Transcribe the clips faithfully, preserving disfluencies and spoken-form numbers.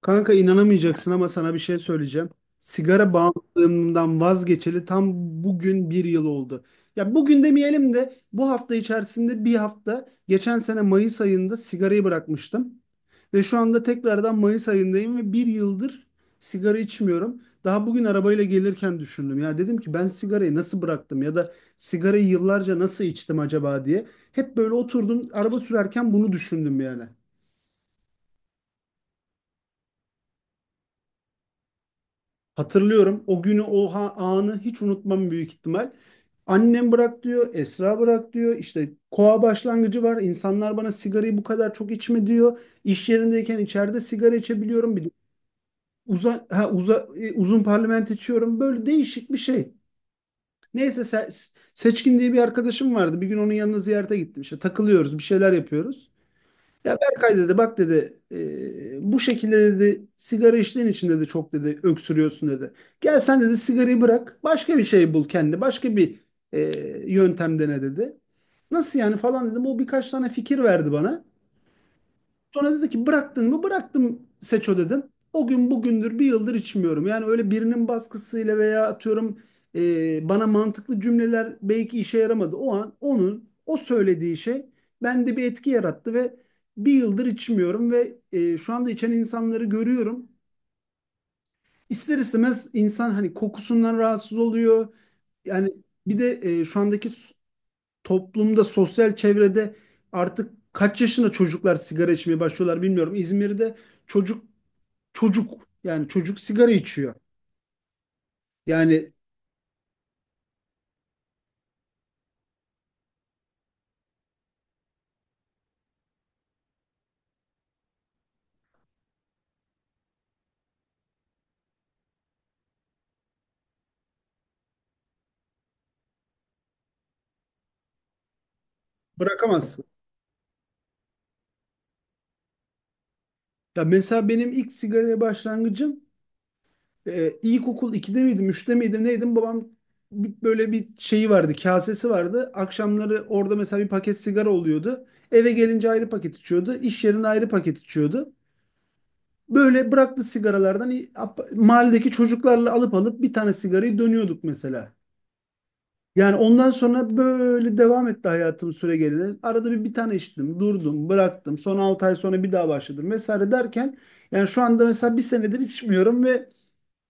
Kanka inanamayacaksın ama sana bir şey söyleyeceğim. Sigara bağımlılığımdan vazgeçeli tam bugün bir yıl oldu. Ya bugün demeyelim de bu hafta içerisinde bir hafta geçen sene Mayıs ayında sigarayı bırakmıştım. Ve şu anda tekrardan Mayıs ayındayım ve bir yıldır sigara içmiyorum. Daha bugün arabayla gelirken düşündüm. Ya dedim ki ben sigarayı nasıl bıraktım ya da sigarayı yıllarca nasıl içtim acaba diye. Hep böyle oturdum araba sürerken bunu düşündüm yani. Hatırlıyorum o günü, o ha- anı hiç unutmam büyük ihtimal. Annem bırak diyor, Esra bırak diyor. İşte koa başlangıcı var. İnsanlar bana sigarayı bu kadar çok içme diyor. İş yerindeyken içeride sigara içebiliyorum. Bir de uza, ha, uza, e, uzun parlament içiyorum. Böyle değişik bir şey. Neyse Se- Seçkin diye bir arkadaşım vardı. Bir gün onun yanına ziyarete gittim. İşte takılıyoruz, bir şeyler yapıyoruz. Ya Berkay dedi, bak dedi, e, bu şekilde dedi sigara içtiğin için dedi çok dedi öksürüyorsun dedi. Gel sen dedi sigarayı bırak, başka bir şey bul, kendi başka bir e, yöntem dene dedi. Nasıl yani falan dedim, o birkaç tane fikir verdi bana. Sonra dedi ki bıraktın mı? Bıraktım Seço dedim. O gün bugündür bir yıldır içmiyorum. Yani öyle birinin baskısıyla veya atıyorum e, bana mantıklı cümleler belki işe yaramadı. O an onun o söylediği şey bende bir etki yarattı ve bir yıldır içmiyorum ve e, şu anda içen insanları görüyorum. İster istemez insan hani kokusundan rahatsız oluyor. Yani bir de e, şu andaki toplumda, sosyal çevrede artık kaç yaşında çocuklar sigara içmeye başlıyorlar bilmiyorum. İzmir'de çocuk, çocuk, yani çocuk sigara içiyor. Yani bırakamazsın. Ya mesela benim ilk sigaraya başlangıcım, e, ilkokul iki'de miydim, üç'te miydim, neydim? Babam bir- böyle bir şeyi vardı, kasesi vardı. Akşamları orada mesela bir paket sigara oluyordu. Eve gelince ayrı paket içiyordu. İş yerinde ayrı paket içiyordu. Böyle bıraktı sigaralardan mahalledeki çocuklarla alıp alıp bir tane sigarayı dönüyorduk mesela. Yani ondan sonra böyle devam etti hayatım süre gelene. Arada bir bir tane içtim, durdum, bıraktım. Son altı ay sonra bir daha başladım vesaire derken yani şu anda mesela bir senedir içmiyorum ve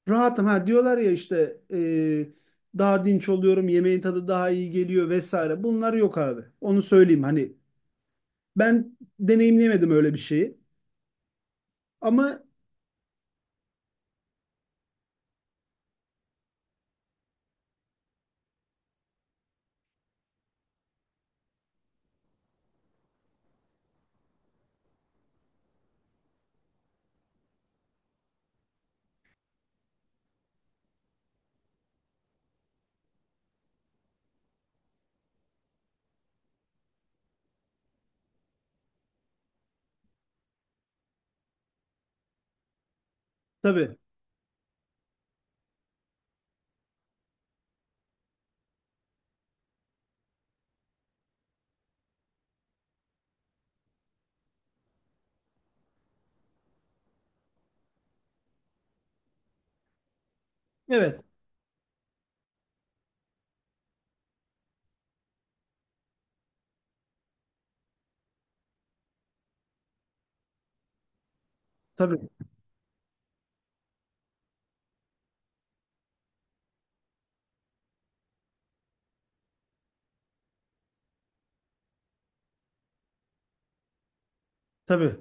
rahatım. Ha diyorlar ya işte e, daha dinç oluyorum, yemeğin tadı daha iyi geliyor vesaire. Bunlar yok abi. Onu söyleyeyim. Hani ben deneyimleyemedim öyle bir şeyi. Ama tabii, evet, tabii, tabii.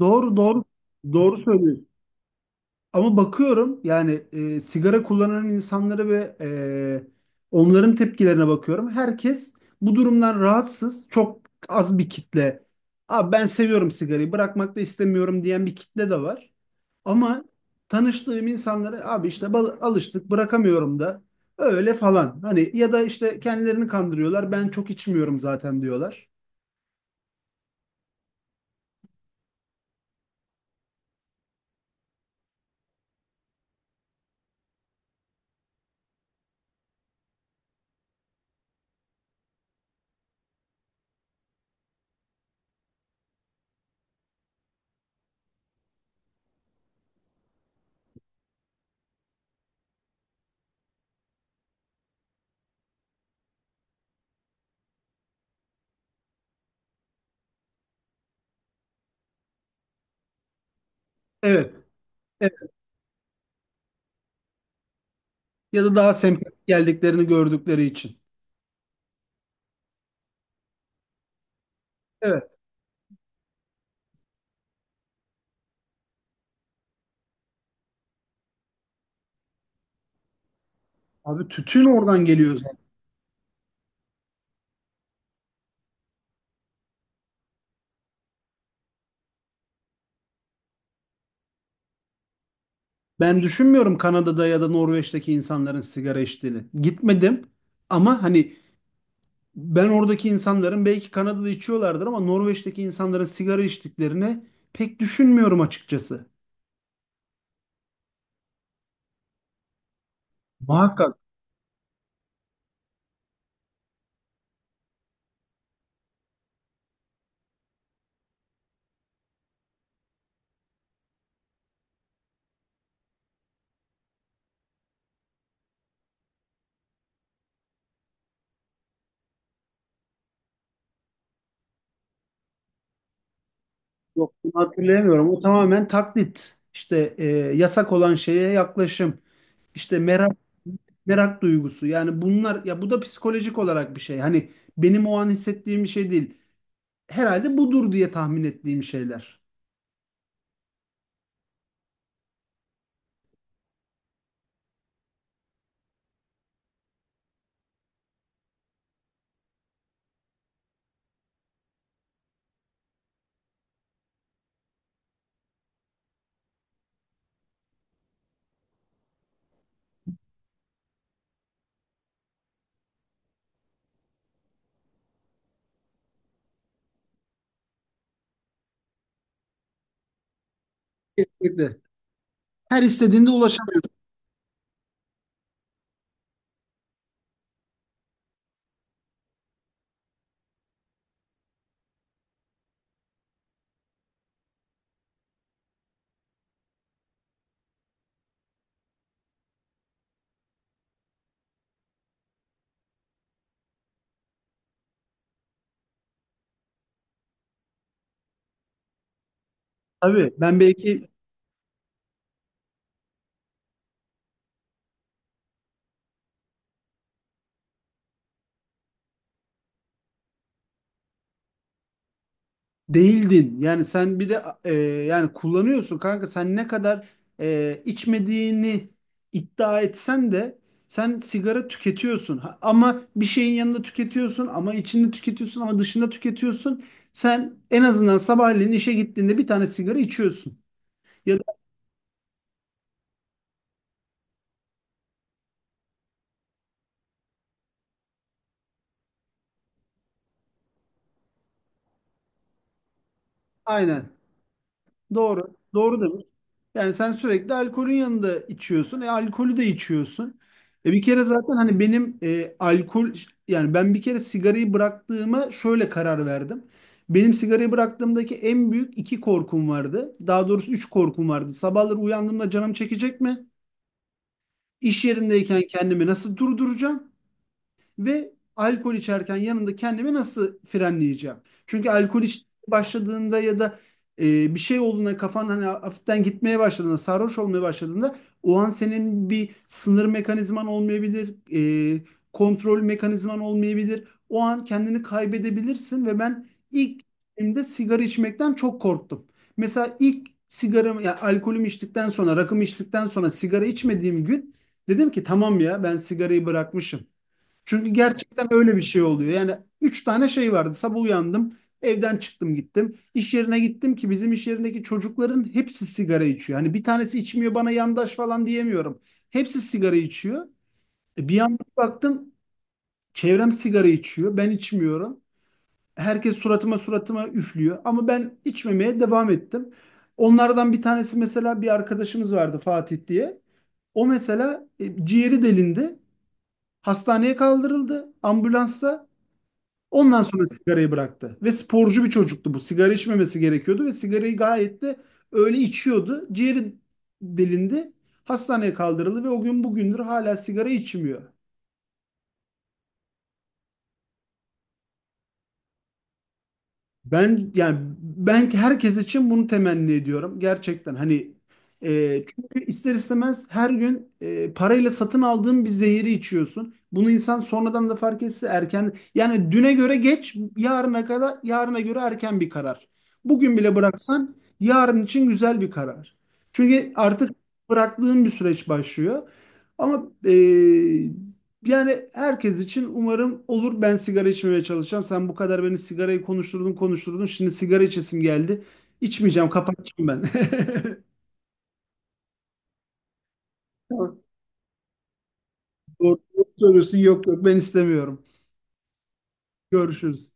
Doğru, doğru, doğru söylüyorsun. Ama bakıyorum yani e, sigara kullanan insanlara ve e, onların tepkilerine bakıyorum. Herkes bu durumdan rahatsız. Çok az bir kitle. Abi ben seviyorum, sigarayı bırakmak da istemiyorum diyen bir kitle de var. Ama tanıştığım insanlara abi işte bal- alıştık, bırakamıyorum da öyle falan. Hani ya da işte kendilerini kandırıyorlar. Ben çok içmiyorum zaten diyorlar. Evet. Evet. Ya da daha sempatik geldiklerini gördükleri için. Evet. Abi tütün oradan geliyor zaten. Ben düşünmüyorum Kanada'da ya da Norveç'teki insanların sigara içtiğini. Gitmedim ama hani, ben oradaki insanların, belki Kanada'da içiyorlardır ama Norveç'teki insanların sigara içtiklerini pek düşünmüyorum açıkçası. Muhakkak. Yok bunu hatırlayamıyorum. O tamamen taklit. İşte e, yasak olan şeye yaklaşım. İşte merak, merak duygusu. Yani bunlar, ya bu da psikolojik olarak bir şey. Hani benim o an hissettiğim bir şey değil. Herhalde budur diye tahmin ettiğim şeyler. Kesinlikle. Her istediğinde ulaşamıyorum. Tabii ben belki değildin. Yani sen bir de e, yani kullanıyorsun kanka. Sen ne kadar e, içmediğini iddia etsen de sen sigara tüketiyorsun. Ha- ama bir şeyin yanında tüketiyorsun, ama içinde tüketiyorsun, ama dışında tüketiyorsun. Sen en azından sabahleyin işe gittiğinde bir tane sigara içiyorsun. Ya da aynen. Doğru. Doğru. Yani sen sürekli alkolün yanında içiyorsun. E alkolü de içiyorsun. E bir kere zaten hani benim e, alkol, yani ben bir kere sigarayı bıraktığıma şöyle karar verdim. Benim sigarayı bıraktığımdaki en büyük iki korkum vardı. Daha doğrusu üç korkum vardı. Sabahları uyandığımda canım çekecek mi? İş yerindeyken kendimi nasıl durduracağım? Ve alkol içerken yanında kendimi nasıl frenleyeceğim? Çünkü alkol iç başladığında ya da e, bir şey olduğunda kafan hani hafiften gitmeye başladığında, sarhoş olmaya başladığında o an senin bir sınır mekanizman olmayabilir, e, kontrol mekanizman olmayabilir. O an kendini kaybedebilirsin ve ben ilk de sigara içmekten çok korktum. Mesela ilk sigaramı, ya alkolümü içtikten sonra, rakımı içtikten sonra sigara içmediğim gün dedim ki tamam ya, ben sigarayı bırakmışım. Çünkü gerçekten öyle bir şey oluyor. Yani üç tane şey vardı. Sabah uyandım, evden çıktım gittim. İş yerine gittim ki bizim iş yerindeki çocukların hepsi sigara içiyor. Hani bir tanesi içmiyor bana yandaş falan diyemiyorum. Hepsi sigara içiyor. E, bir yandan baktım çevrem sigara içiyor. Ben içmiyorum. Herkes suratıma suratıma üflüyor. Ama ben içmemeye devam ettim. Onlardan bir tanesi mesela, bir arkadaşımız vardı Fatih diye. O mesela e, ciğeri delindi. Hastaneye kaldırıldı, ambulansa. Ondan sonra sigarayı bıraktı. Ve sporcu bir çocuktu bu. Sigara içmemesi gerekiyordu ve sigarayı gayet de öyle içiyordu. Ciğeri delindi. Hastaneye kaldırıldı ve o gün bugündür hala sigara içmiyor. Ben, yani ben herkes için bunu temenni ediyorum gerçekten, hani e, çünkü ister istemez her gün e, parayla satın aldığın bir zehiri içiyorsun. Bunu insan sonradan da fark etse erken, yani düne göre geç, yarına kadar yarına göre erken bir karar. Bugün bile bıraksan yarın için güzel bir karar. Çünkü artık bıraktığın bir süreç başlıyor. Ama e, yani herkes için umarım olur. Ben sigara içmemeye çalışacağım. Sen bu kadar beni sigarayı konuşturdun konuşturdun. Şimdi sigara içesim geldi. İçmeyeceğim. Tamam, kapatacağım ben. Tamam. Doğru, doğru söylüyorsun. Yok, yok, ben istemiyorum. Görüşürüz.